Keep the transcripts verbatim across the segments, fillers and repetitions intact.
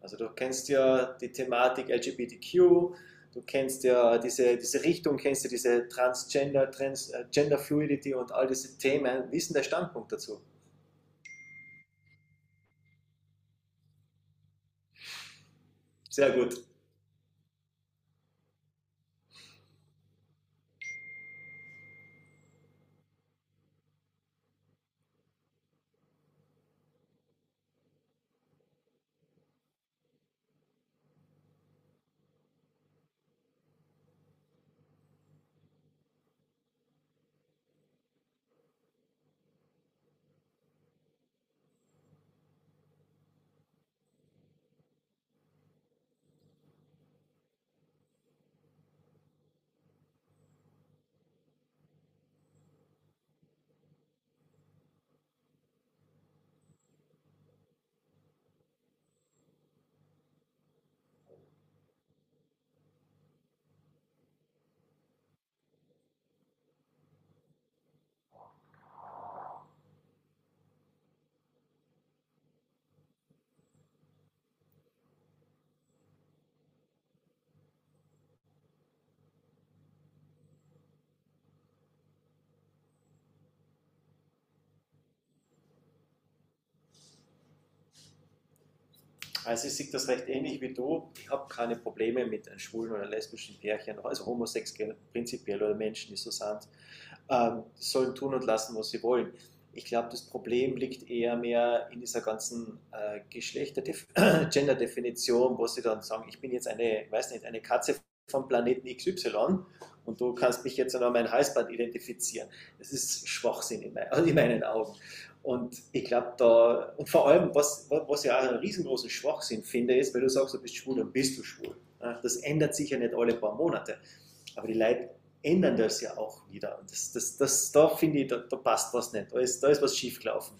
Also du kennst ja die Thematik L G B T Q, du kennst ja diese, diese Richtung, kennst ja diese Transgender, Trans, äh, Gender Fluidity und all diese Themen. Wie ist denn der Standpunkt dazu? Sehr gut. Also ich sehe das recht ähnlich wie du. Ich habe keine Probleme mit einem schwulen oder lesbischen Pärchen, also homosexuell prinzipiell oder Menschen, die so sind. Ähm, die sollen tun und lassen, was sie wollen. Ich glaube, das Problem liegt eher mehr in dieser ganzen äh, Geschlechter-Gender-Definition, wo sie dann sagen, ich bin jetzt eine, weiß nicht, eine Katze vom Planeten X Y, und du kannst mich jetzt noch an meinem Halsband identifizieren. Das ist Schwachsinn in, mein, in meinen Augen. Und ich glaube da, und vor allem, was, was ja auch einen riesengroßen Schwachsinn finde, ist: wenn du sagst, du bist schwul, dann bist du schwul. Ja, das ändert sich ja nicht alle paar Monate. Aber die Leute ändern das ja auch wieder. Und das, das, das, da finde ich, da, da passt was nicht. Da ist, da ist was schiefgelaufen.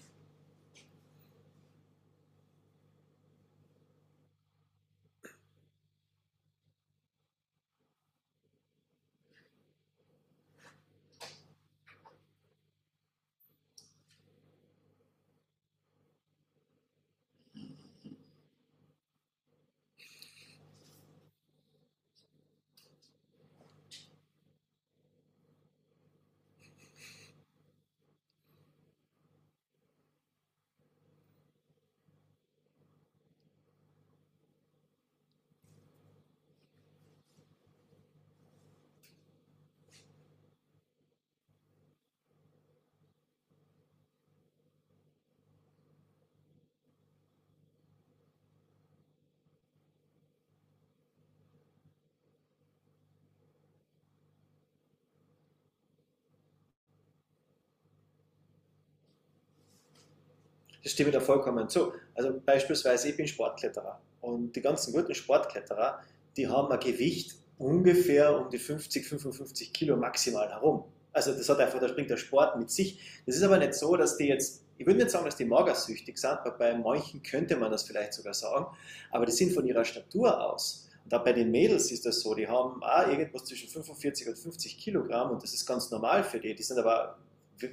Das stimme ich da vollkommen zu. Also beispielsweise, ich bin Sportkletterer und die ganzen guten Sportkletterer, die haben ein Gewicht ungefähr um die fünfzig, fünfundfünfzig Kilo maximal herum. Also das hat einfach, da springt der Sport mit sich. Das ist aber nicht so, dass die jetzt, ich würde nicht sagen, dass die magersüchtig sind, aber bei manchen könnte man das vielleicht sogar sagen, aber die sind von ihrer Statur aus. Und auch bei den Mädels ist das so, die haben auch irgendwas zwischen fünfundvierzig und fünfzig Kilogramm und das ist ganz normal für die. Die sind aber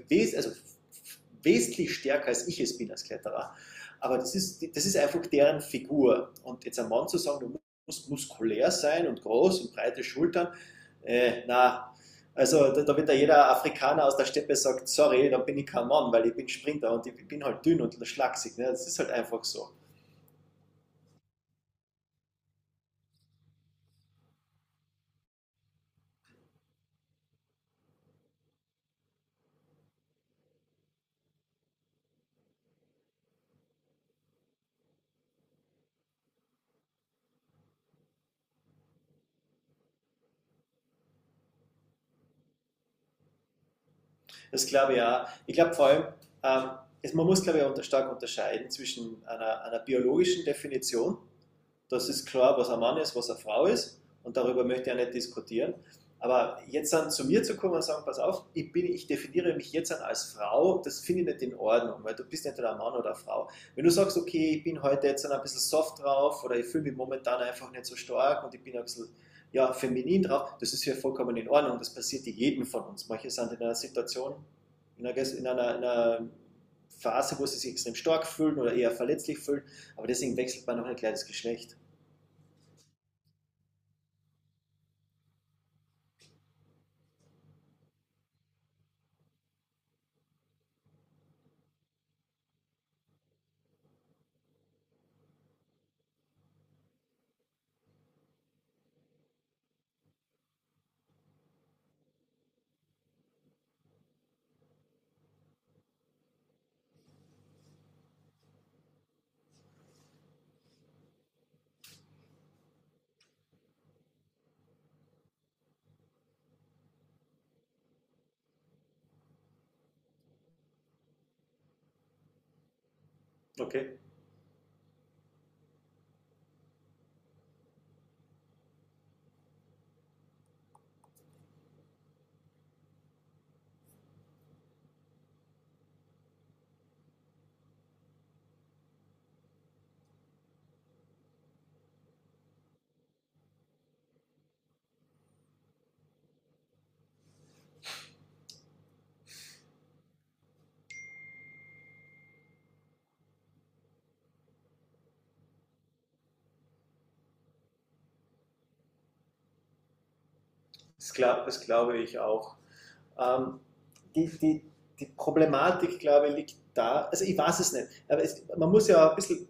wes also wesentlich stärker als ich es bin als Kletterer. Aber das ist, das ist einfach deren Figur. Und jetzt einem Mann zu sagen, du musst muskulär sein und groß und breite Schultern, äh, na, also da, da wird ja jeder Afrikaner aus der Steppe sagt, sorry, dann bin ich kein Mann, weil ich bin Sprinter und ich bin halt dünn und schlaksig. Ne? Das ist halt einfach so. Das glaube ich auch. Ich glaube vor allem, ähm, man muss, glaube ich, unter, stark unterscheiden zwischen einer, einer biologischen Definition. Das ist klar, was ein Mann ist, was eine Frau ist. Und darüber möchte ich auch nicht diskutieren. Aber jetzt dann zu mir zu kommen und sagen: pass auf, ich, bin, ich definiere mich jetzt dann als Frau, das finde ich nicht in Ordnung, weil du bist nicht ein Mann oder eine Frau. Wenn du sagst, okay, ich bin heute jetzt dann ein bisschen soft drauf oder ich fühle mich momentan einfach nicht so stark und ich bin ein bisschen ja, feminin drauf, das ist ja vollkommen in Ordnung. Das passiert jedem von uns. Manche sind in einer Situation, in einer, in einer, in einer Phase, wo sie sich extrem stark fühlen oder eher verletzlich fühlen, aber deswegen wechselt man noch nicht gleich das Geschlecht. Okay, das, glaub, das glaube ich auch. Ähm, die, die, die Problematik, glaube ich, liegt da, also ich weiß es nicht, aber es, man muss ja ein bisschen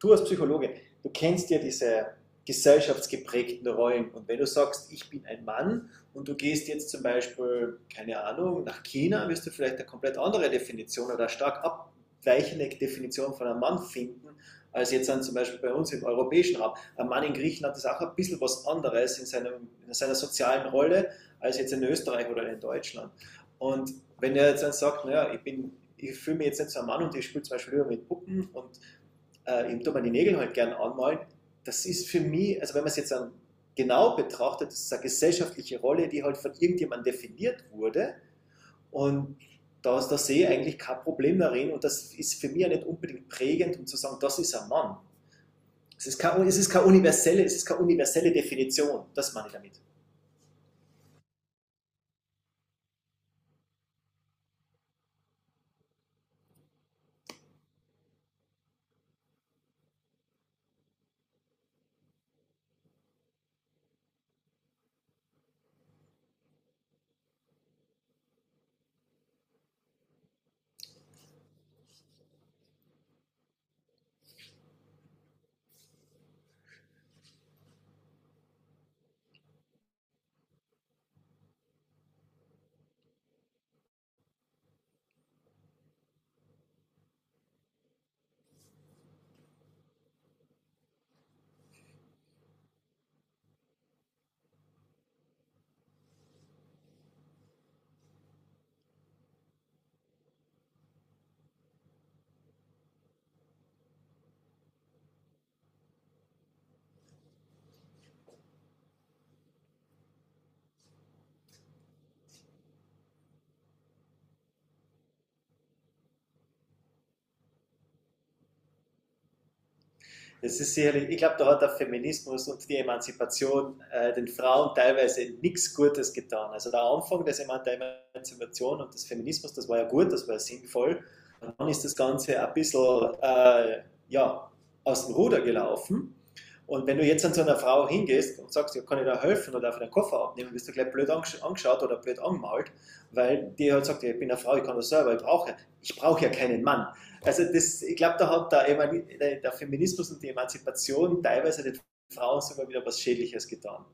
du als Psychologe, du kennst ja diese gesellschaftsgeprägten Rollen. Und wenn du sagst, ich bin ein Mann und du gehst jetzt zum Beispiel, keine Ahnung, nach China, wirst du vielleicht eine komplett andere Definition oder eine stark abweichende Definition von einem Mann finden, als jetzt dann zum Beispiel bei uns im europäischen Raum. Ein Mann in Griechenland ist auch ein bisschen was anderes in, seinem, in seiner sozialen Rolle als jetzt in Österreich oder in Deutschland. Und wenn er jetzt dann sagt, naja, ich bin ich fühle mich jetzt nicht so ein Mann und ich spiele zum Beispiel lieber mit Puppen und äh, ich tue mir die Nägel halt gerne anmalen, das ist für mich, also wenn man es jetzt dann genau betrachtet, das ist eine gesellschaftliche Rolle, die halt von irgendjemandem definiert wurde, und da, da sehe ich eigentlich kein Problem darin und das ist für mich ja nicht unbedingt prägend, um zu sagen, das ist ein Mann. Es ist keine, es ist keine, universelle, es ist keine universelle Definition, das meine ich damit. Es ist sicherlich, ich glaube, da hat der Feminismus und die Emanzipation äh, den Frauen teilweise nichts Gutes getan. Also der Anfang des, Eman der Emanzipation und des Feminismus, das war ja gut, das war ja sinnvoll. Und dann ist das Ganze ein bisschen äh, ja, aus dem Ruder gelaufen. Und wenn du jetzt an so einer Frau hingehst und sagst, ja, kann ich da helfen oder darf ich den Koffer abnehmen, wirst du gleich blöd angeschaut oder blöd angemalt, weil die halt sagt, ja, ich bin eine Frau, ich kann das selber, ich brauche, ja, ich brauche ja keinen Mann. Also das, ich glaube, da hat der, der Feminismus und die Emanzipation teilweise den Frauen sogar wieder was Schädliches getan.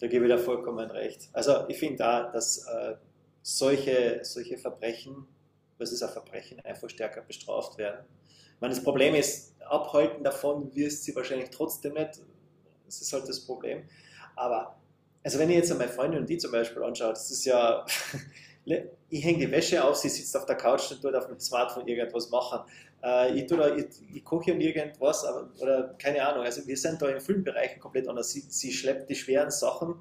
Da gebe ich da vollkommen recht. Also ich finde da, dass äh, solche, solche Verbrechen, was ist ein Verbrechen, einfach stärker bestraft werden. Ich meine, das Problem ist, abhalten davon wirst sie wahrscheinlich trotzdem nicht. Das ist halt das Problem. Aber, also wenn ich jetzt an meine Freundin und die zum Beispiel anschaue, das ist ja, ich hänge die Wäsche auf, sie sitzt auf der Couch und tut auf dem Smartphone irgendwas machen. Äh, ich, da, ich, ich koche und irgendwas, aber, oder keine Ahnung. Also wir sind da in vielen Bereichen komplett anders. Sie, sie schleppt die schweren Sachen,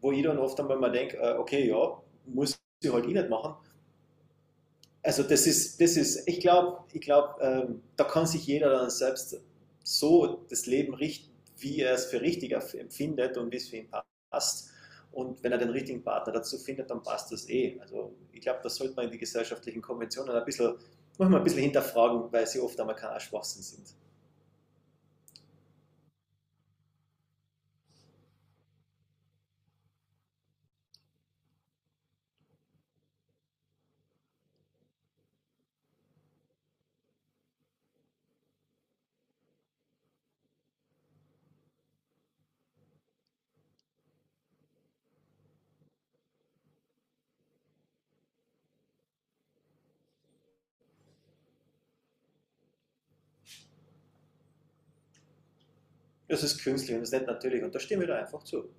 wo ich dann oft einmal mal denke, äh, okay, ja, muss ich halt eh nicht machen, also das ist, das ist, ich glaube, ich glaub, ähm, da kann sich jeder dann selbst so das Leben richten, wie er es für richtig empfindet und wie es für ihn passt. Und wenn er den richtigen Partner dazu findet, dann passt das eh. Also ich glaube, das sollte man die gesellschaftlichen Konventionen ein bisschen, manchmal ein bisschen hinterfragen, weil sie oft einmal kein Schwachsinn sind. Das ist künstlich und das ist nicht natürlich und da stimmen wir da einfach zu.